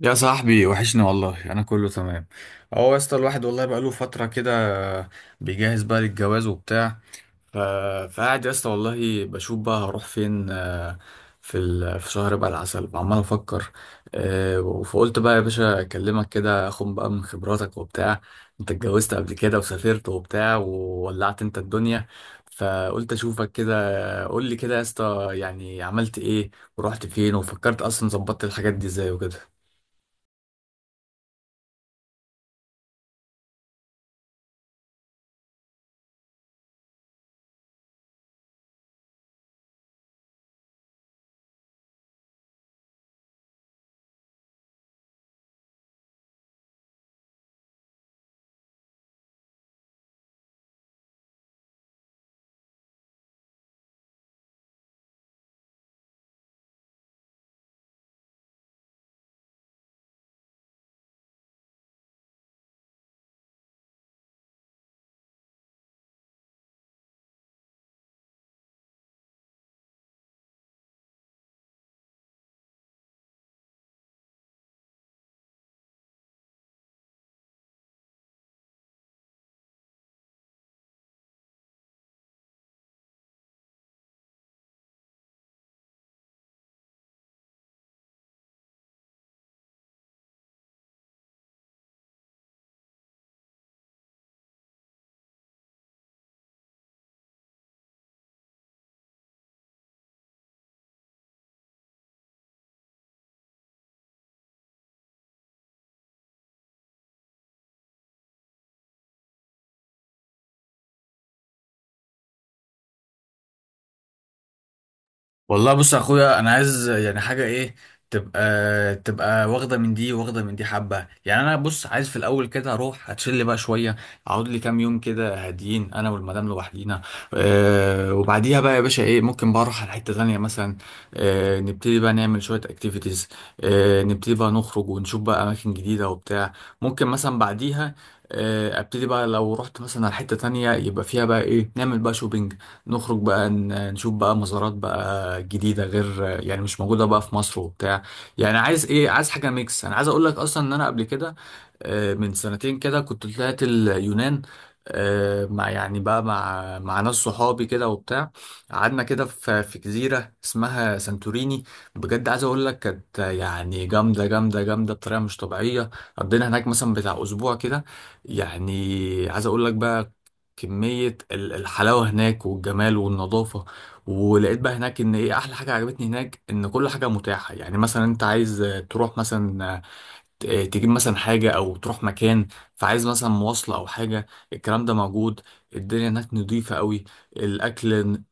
يا صاحبي وحشني والله. انا كله تمام. اهو يا اسطى الواحد والله بقاله فتره كده، بيجهز بقى للجواز وبتاع. ف... فقاعد يا اسطى والله بشوف بقى هروح فين. في في شهر بقى العسل وعمال افكر. فقلت بقى يا باشا اكلمك كده اخد بقى من خبراتك وبتاع. انت اتجوزت قبل كده وسافرت وبتاع وولعت انت الدنيا. فقلت اشوفك كده قول لي كده يا اسطى يعني عملت ايه ورحت فين وفكرت اصلا ظبطت الحاجات دي ازاي وكده. والله بص يا اخويا انا عايز يعني حاجه ايه، تبقى واخده من دي واخده من دي حبه. يعني انا بص عايز في الاول كده اروح اتشل بقى شويه، اقعد لي كام يوم كده هاديين انا والمدام لوحدينا. أه، وبعديها بقى يا باشا ايه ممكن بقى اروح على حته ثانيه مثلا. أه، نبتدي بقى نعمل شويه اكتيفيتيز. أه، نبتدي بقى نخرج ونشوف بقى اماكن جديده وبتاع. ممكن مثلا بعديها ابتدي بقى لو رحت مثلا على حته تانية يبقى فيها بقى ايه نعمل بقى شوبينج. نخرج بقى نشوف بقى مزارات بقى جديدة غير يعني مش موجودة بقى في مصر وبتاع. يعني عايز ايه، عايز حاجة ميكس. انا عايز اقول لك اصلا ان انا قبل كده من سنتين كده كنت طلعت اليونان. مع يعني بقى مع ناس صحابي كده وبتاع. قعدنا كده في جزيرة اسمها سانتوريني. بجد عايز اقول لك كانت يعني جامدة جامدة جامدة بطريقة مش طبيعية. قضينا هناك مثلا بتاع اسبوع كده. يعني عايز اقول لك بقى كمية الحلاوة هناك والجمال والنظافة. ولقيت بقى هناك ان ايه احلى حاجة عجبتني هناك ان كل حاجة متاحة. يعني مثلا انت عايز تروح مثلا تجيب مثلا حاجة او تروح مكان. فعايز مثلا مواصلة او حاجة، الكلام ده موجود. الدنيا هناك نظيفة قوي، الاكل.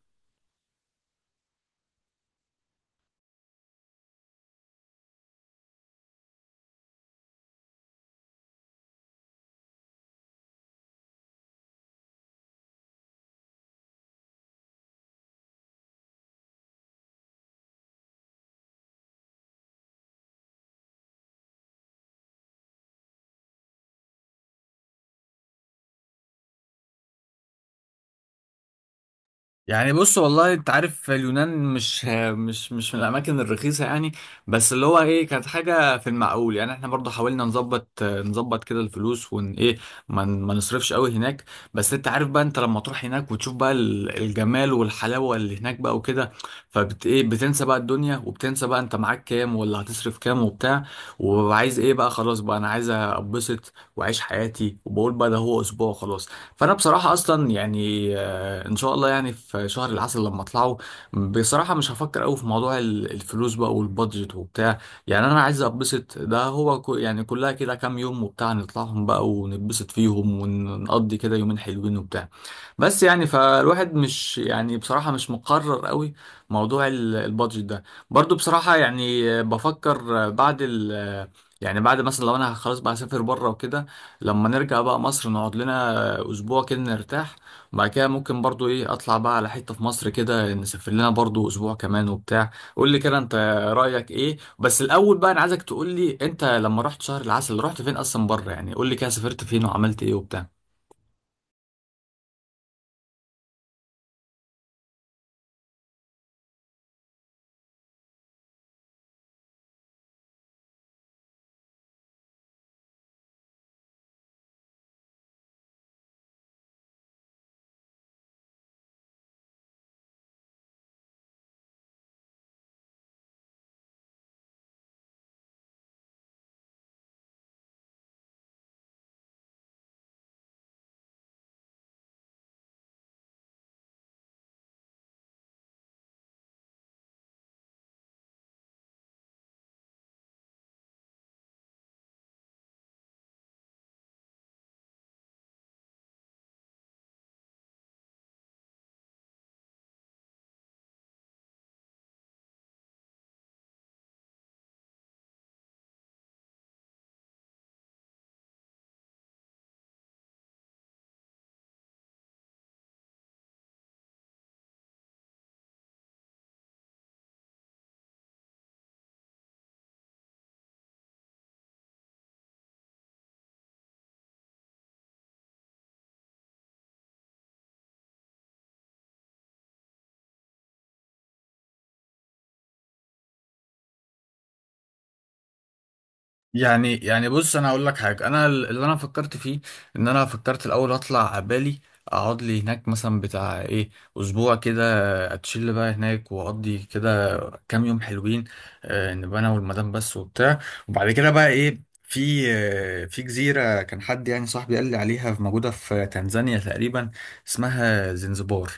يعني بص والله انت عارف اليونان، مش مش من الاماكن الرخيصه يعني. بس اللي هو ايه كانت حاجه في المعقول. يعني احنا برضو حاولنا نظبط كده الفلوس ون ايه، ما نصرفش قوي هناك. بس انت عارف بقى انت لما تروح هناك وتشوف بقى الجمال والحلاوه اللي هناك بقى وكده، فبت ايه بتنسى بقى الدنيا وبتنسى بقى انت معاك كام ولا هتصرف كام وبتاع. وعايز ايه بقى، خلاص بقى انا عايز ابسط واعيش حياتي، وبقول بقى ده هو اسبوع خلاص. فانا بصراحه اصلا يعني، ان شاء الله يعني في شهر العسل لما اطلعه بصراحه مش هفكر قوي في موضوع الفلوس بقى والبادجت وبتاع. يعني انا عايز اتبسط، ده هو يعني كلها كده كام يوم وبتاع نطلعهم بقى ونتبسط فيهم ونقضي كده يومين حلوين وبتاع. بس يعني فالواحد مش يعني بصراحه مش مقرر قوي موضوع البادجت ده. برضو بصراحه يعني بفكر بعد ال، يعني بعد مثلا لو انا خلاص بقى هسافر بره وكده، لما نرجع بقى مصر نقعد لنا اسبوع كده نرتاح. وبعد كده ممكن برضو ايه اطلع بقى على حتة في مصر كده نسافر لنا برضو اسبوع كمان وبتاع. قول لي كده انت رأيك ايه؟ بس الاول بقى انا عايزك تقول لي انت لما رحت شهر العسل رحت فين اصلا بره. يعني قول لي كده سافرت فين وعملت ايه وبتاع. يعني بص انا هقول لك حاجه، انا اللي انا فكرت فيه ان انا فكرت الاول اطلع بالي، اقعد لي هناك مثلا بتاع ايه، اسبوع كده. اتشيل بقى هناك واقضي كده كام يوم حلوين. نبقى انا والمدام بس وبتاع. وبعد كده بقى ايه في في جزيره كان حد يعني صاحبي قال لي عليها موجوده في تنزانيا تقريبا، اسمها زنزبار.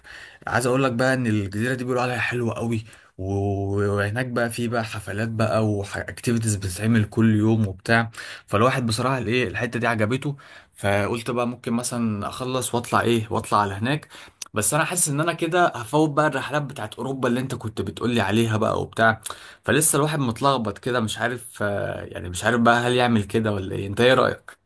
عايز اقول لك بقى ان الجزيره دي بيقولوا عليها حلوه قوي. و- وهناك بقى في بقى حفلات بقى واكتيفيتيز بتتعمل كل يوم وبتاع. فالواحد بصراحة الايه الحتة دي عجبته. فقلت بقى ممكن مثلا اخلص واطلع ايه واطلع على هناك. بس انا حاسس ان انا كده هفوت بقى الرحلات بتاعت اوروبا اللي انت كنت بتقولي عليها بقى وبتاع. فلسه الواحد متلخبط كده مش عارف يعني مش عارف بقى هل يعمل كده ولا ايه. انت ايه رأيك؟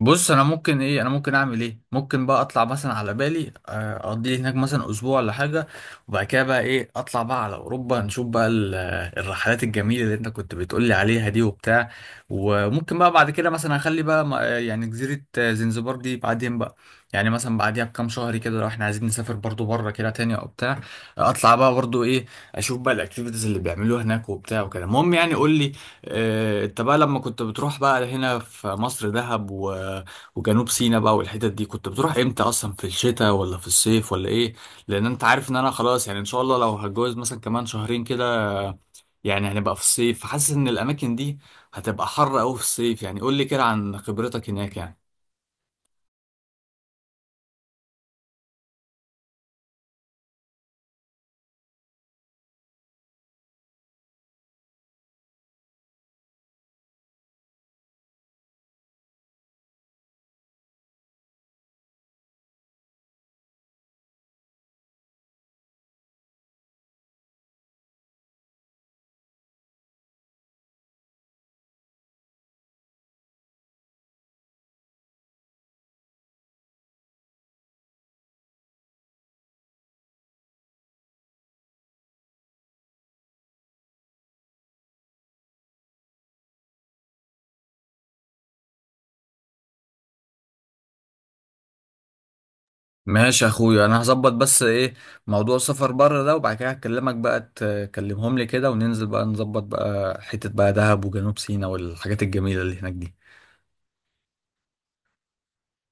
بص انا ممكن ايه، انا ممكن اعمل ايه، ممكن بقى اطلع مثلا على بالي اقضي لي هناك مثلا اسبوع ولا حاجه. وبعد كده بقى ايه اطلع بقى على اوروبا نشوف بقى الرحلات الجميله اللي انت كنت بتقول لي عليها دي وبتاع. وممكن بقى بعد كده مثلا اخلي بقى يعني جزيره زنزبار دي بعدين بقى. يعني مثلا بعديها بكام شهر كده لو احنا عايزين نسافر برضو بره كده تاني او بتاع، اطلع بقى برضو ايه اشوف بقى الاكتيفيتيز اللي بيعملوها هناك وبتاع وكده. المهم يعني قول لي انت بقى لما كنت بتروح بقى هنا في مصر دهب وجنوب سيناء بقى والحتت دي كنت بتروح امتى اصلا، في الشتاء ولا في الصيف ولا ايه؟ لان انت عارف ان انا خلاص، يعني ان شاء الله لو هتجوز مثلا كمان شهرين كده يعني هنبقى في الصيف. فحاسس ان الاماكن دي هتبقى حر قوي في الصيف. يعني قول لي كده عن خبرتك هناك يعني. ماشي يا اخويا انا هظبط بس ايه موضوع السفر بره ده. وبعد كده هكلمك بقى تكلمهم لي كده وننزل بقى نظبط بقى حتة بقى دهب وجنوب سيناء والحاجات الجميلة اللي هناك دي.